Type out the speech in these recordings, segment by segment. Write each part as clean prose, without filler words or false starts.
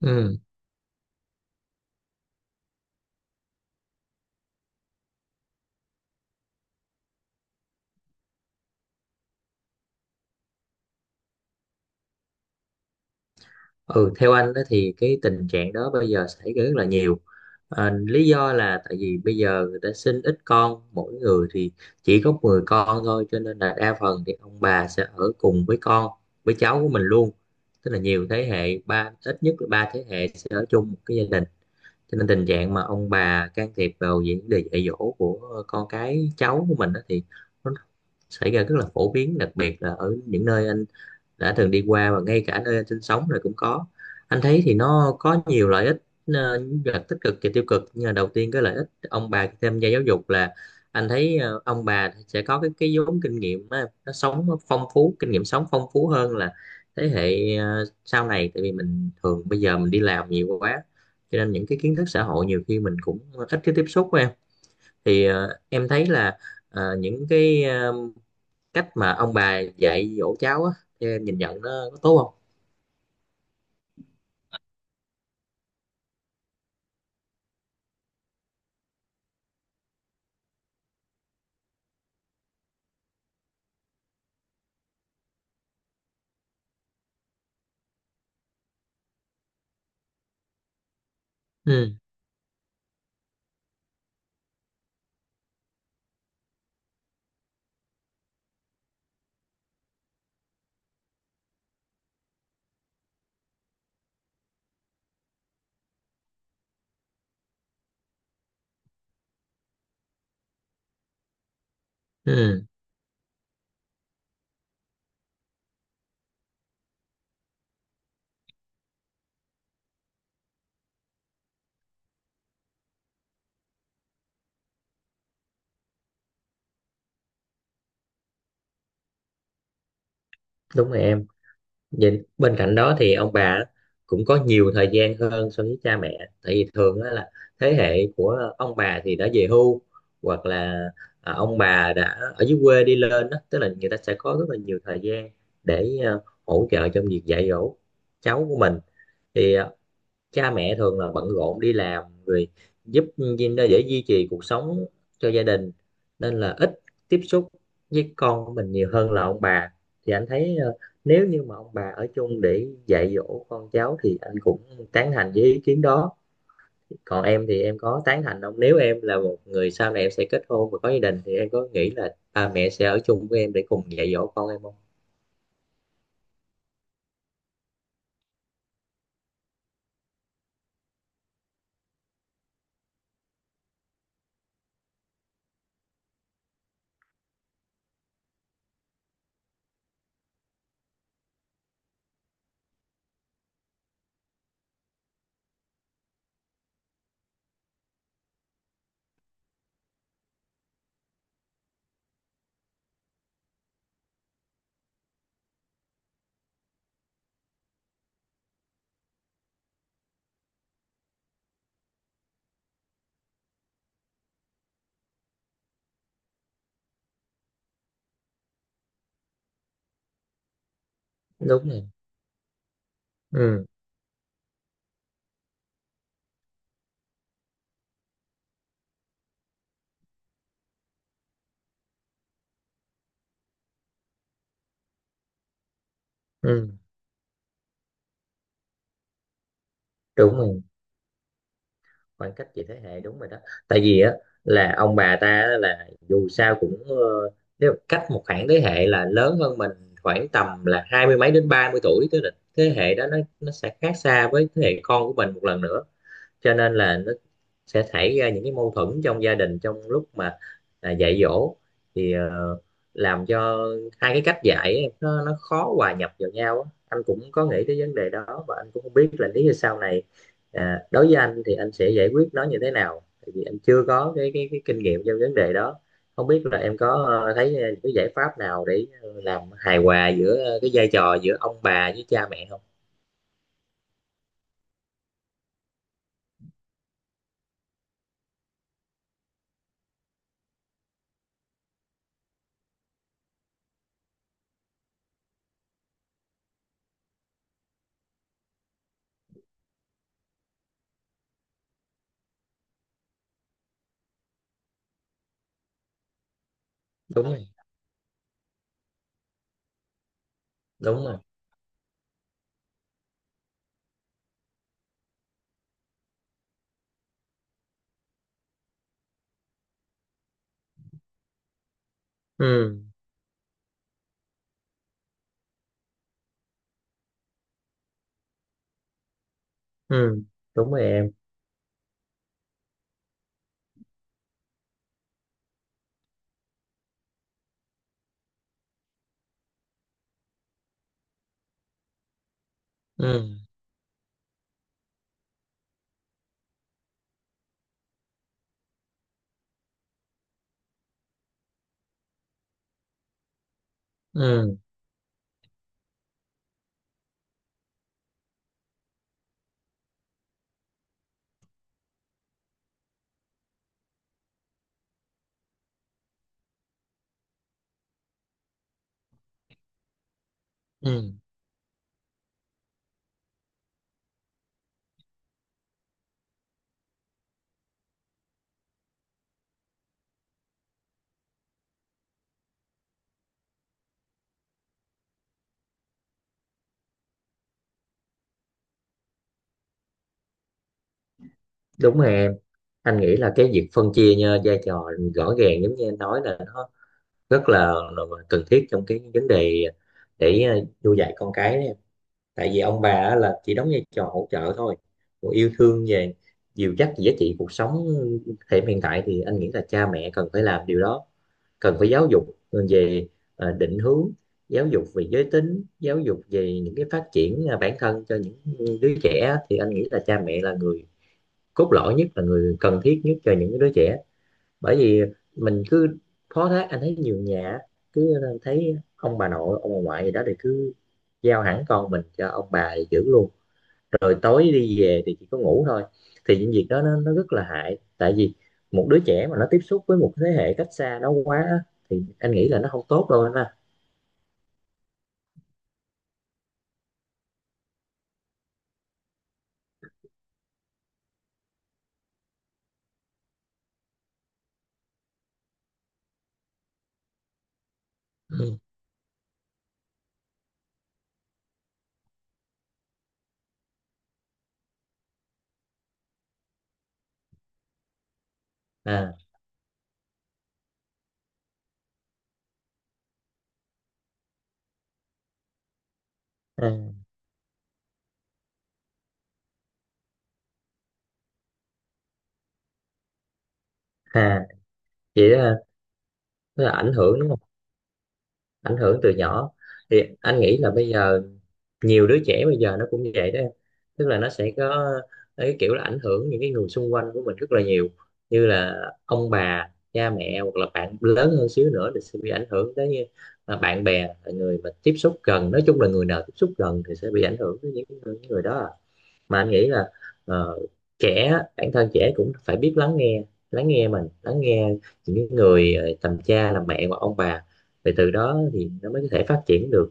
Ừ. Ừ, theo anh đó thì cái tình trạng đó bây giờ xảy ra rất là nhiều. Lý do là tại vì bây giờ người ta sinh ít con, mỗi người thì chỉ có 10 con thôi, cho nên là đa phần thì ông bà sẽ ở cùng với con với cháu của mình luôn. Tức là nhiều thế hệ, ít nhất là 3 thế hệ sẽ ở chung một cái gia đình, cho nên tình trạng mà ông bà can thiệp vào vấn đề dạy dỗ của con cái cháu của mình đó thì nó xảy ra rất là phổ biến, đặc biệt là ở những nơi anh đã từng đi qua và ngay cả nơi anh sinh sống rồi cũng có. Anh thấy thì nó có nhiều lợi ích, những tích cực và tiêu cực, nhưng mà đầu tiên cái lợi ích ông bà khi tham gia giáo dục là anh thấy ông bà sẽ có cái vốn kinh nghiệm á, nó sống nó phong phú, kinh nghiệm sống phong phú hơn là thế hệ sau này. Tại vì mình thường bây giờ mình đi làm nhiều quá cho nên những cái kiến thức xã hội nhiều khi mình cũng ít cái tiếp xúc với em. Thì em thấy là những cái cách mà ông bà dạy dỗ cháu á thì em nhìn nhận nó có tốt không? Ừ. Ừ, đúng rồi em. Vậy bên cạnh đó thì ông bà cũng có nhiều thời gian hơn so với cha mẹ. Tại vì thường á là thế hệ của ông bà thì đã về hưu, hoặc là ông bà đã ở dưới quê đi lên đó, tức là người ta sẽ có rất là nhiều thời gian để hỗ trợ trong việc dạy dỗ cháu của mình. Thì cha mẹ thường là bận rộn đi làm rồi, giúp để duy trì cuộc sống cho gia đình, nên là ít tiếp xúc với con của mình nhiều hơn là ông bà. Thì anh thấy nếu như mà ông bà ở chung để dạy dỗ con cháu thì anh cũng tán thành với ý kiến đó. Còn em thì em có tán thành không, nếu em là một người sau này em sẽ kết hôn và có gia đình thì em có nghĩ là ba mẹ sẽ ở chung với em để cùng dạy dỗ con em không? Đúng rồi. Ừ. Ừ, đúng rồi. Khoảng cách về thế hệ, đúng rồi đó. Tại vì á là ông bà ta á, là dù sao cũng nếu cách một khoảng thế hệ là lớn hơn mình khoảng tầm là hai mươi mấy đến 30 tuổi, tức là thế hệ đó nó sẽ khác xa với thế hệ con của mình một lần nữa. Cho nên là nó sẽ xảy ra những cái mâu thuẫn trong gia đình trong lúc mà dạy dỗ, thì làm cho hai cái cách dạy ấy, nó khó hòa nhập vào nhau á. Anh cũng có nghĩ tới vấn đề đó và anh cũng không biết là nếu như sau này đối với anh thì anh sẽ giải quyết nó như thế nào, tại vì anh chưa có cái kinh nghiệm trong vấn đề đó. Không biết là em có thấy cái giải pháp nào để làm hài hòa giữa cái vai trò giữa ông bà với cha mẹ không? Đúng rồi. Đúng rồi. Ừ. Ừ, đúng rồi em. Ừ. Ừ. Ừ, đúng rồi em. Anh nghĩ là cái việc phân chia nha, vai trò rõ ràng giống như em nói là nó rất là cần thiết trong cái vấn đề để nuôi dạy con cái. Tại vì ông bà á là chỉ đóng vai trò hỗ trợ thôi, còn yêu thương, về dìu dắt giá trị cuộc sống thời điểm hiện tại thì anh nghĩ là cha mẹ cần phải làm điều đó. Cần phải giáo dục về định hướng, giáo dục về giới tính, giáo dục về những cái phát triển bản thân cho những đứa trẻ. Thì anh nghĩ là cha mẹ là người cốt lõi nhất, là người cần thiết nhất cho những đứa trẻ. Bởi vì mình cứ phó thác, anh thấy nhiều nhà cứ thấy ông bà nội ông bà ngoại gì đó thì cứ giao hẳn con mình cho ông bà thì giữ luôn, rồi tối đi về thì chỉ có ngủ thôi. Thì những việc đó nó rất là hại, tại vì một đứa trẻ mà nó tiếp xúc với một thế hệ cách xa nó quá á, thì anh nghĩ là nó không tốt đâu anh ha. à, à, à Vậy đó, nó là ảnh hưởng đúng không? Ảnh hưởng từ nhỏ. Thì anh nghĩ là bây giờ nhiều đứa trẻ bây giờ nó cũng vậy đó em. Tức là nó sẽ có cái kiểu là ảnh hưởng những cái người xung quanh của mình rất là nhiều, như là ông bà cha mẹ hoặc là bạn lớn hơn xíu nữa thì sẽ bị ảnh hưởng tới, như là bạn bè, là người mà tiếp xúc gần. Nói chung là người nào tiếp xúc gần thì sẽ bị ảnh hưởng tới những người đó à. Mà anh nghĩ là ờ, trẻ bản thân trẻ cũng phải biết lắng nghe, lắng nghe mình, lắng nghe những cái người tầm cha làm mẹ hoặc ông bà. Thì từ đó thì nó mới có thể phát triển được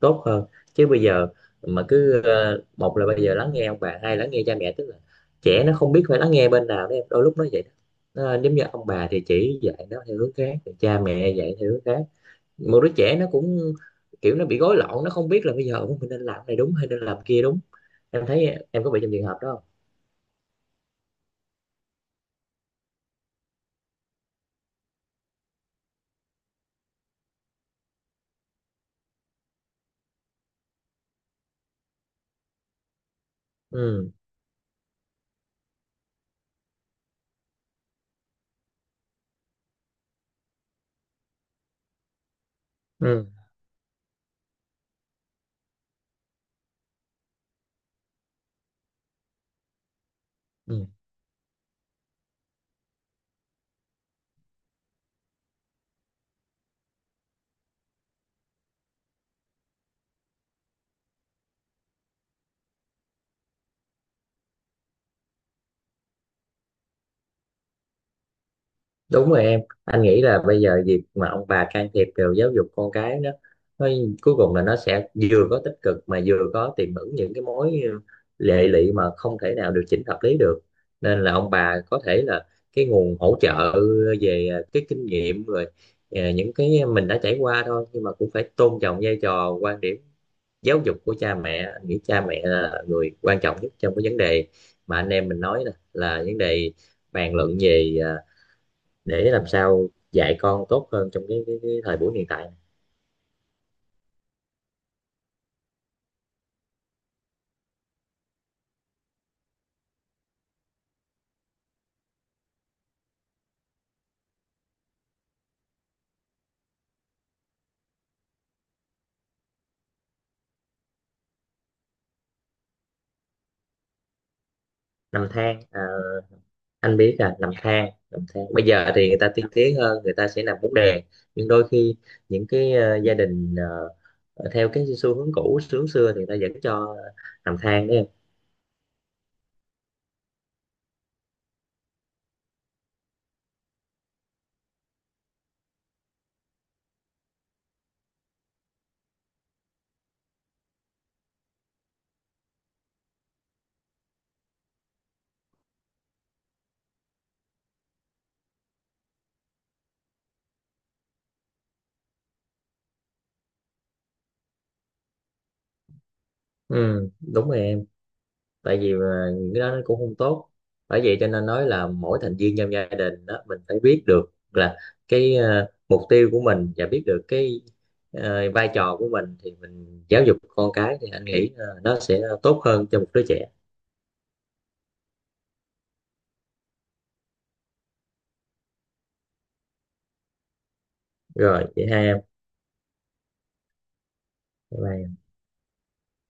tốt hơn. Chứ bây giờ mà cứ một là bây giờ lắng nghe ông bà, hai lắng nghe cha mẹ, tức là trẻ nó không biết phải lắng nghe bên nào đó em, đôi lúc nó vậy đó. Giống như ông bà thì chỉ dạy nó theo hướng khác, rồi cha mẹ dạy theo hướng khác, một đứa trẻ nó cũng kiểu nó bị gối lộn, nó không biết là bây giờ mình nên làm cái này đúng hay nên làm kia đúng. Em thấy em có bị trong trường hợp đó không? Ừ. Ừ. Ừ, đúng rồi em. Anh nghĩ là bây giờ việc mà ông bà can thiệp vào giáo dục con cái đó, nó cuối cùng là nó sẽ vừa có tích cực mà vừa có tiềm ẩn những cái mối lệ lụy mà không thể nào điều chỉnh hợp lý được. Nên là ông bà có thể là cái nguồn hỗ trợ về cái kinh nghiệm rồi, những cái mình đã trải qua thôi, nhưng mà cũng phải tôn trọng vai trò, quan điểm giáo dục của cha mẹ. Anh nghĩ cha mẹ là người quan trọng nhất trong cái vấn đề mà anh em mình nói nè, là vấn đề bàn luận về để làm sao dạy con tốt hơn trong cái thời buổi hiện tại. Nằm than à? Anh biết là nằm than. Bây giờ thì người ta tiên tiến hơn, người ta sẽ nằm bốn đè. Nhưng đôi khi những cái gia đình theo cái xu hướng cũ, xu hướng xưa thì người ta vẫn cho nằm than đấy em. Ừ, đúng rồi em. Tại vì mà những cái đó nó cũng không tốt. Bởi vậy cho nên nói là mỗi thành viên trong gia đình đó mình phải biết được là cái mục tiêu của mình, và biết được cái vai trò của mình, thì mình giáo dục con cái thì anh nghĩ nó sẽ tốt hơn cho một đứa trẻ. Rồi vậy hai em. Bye bye.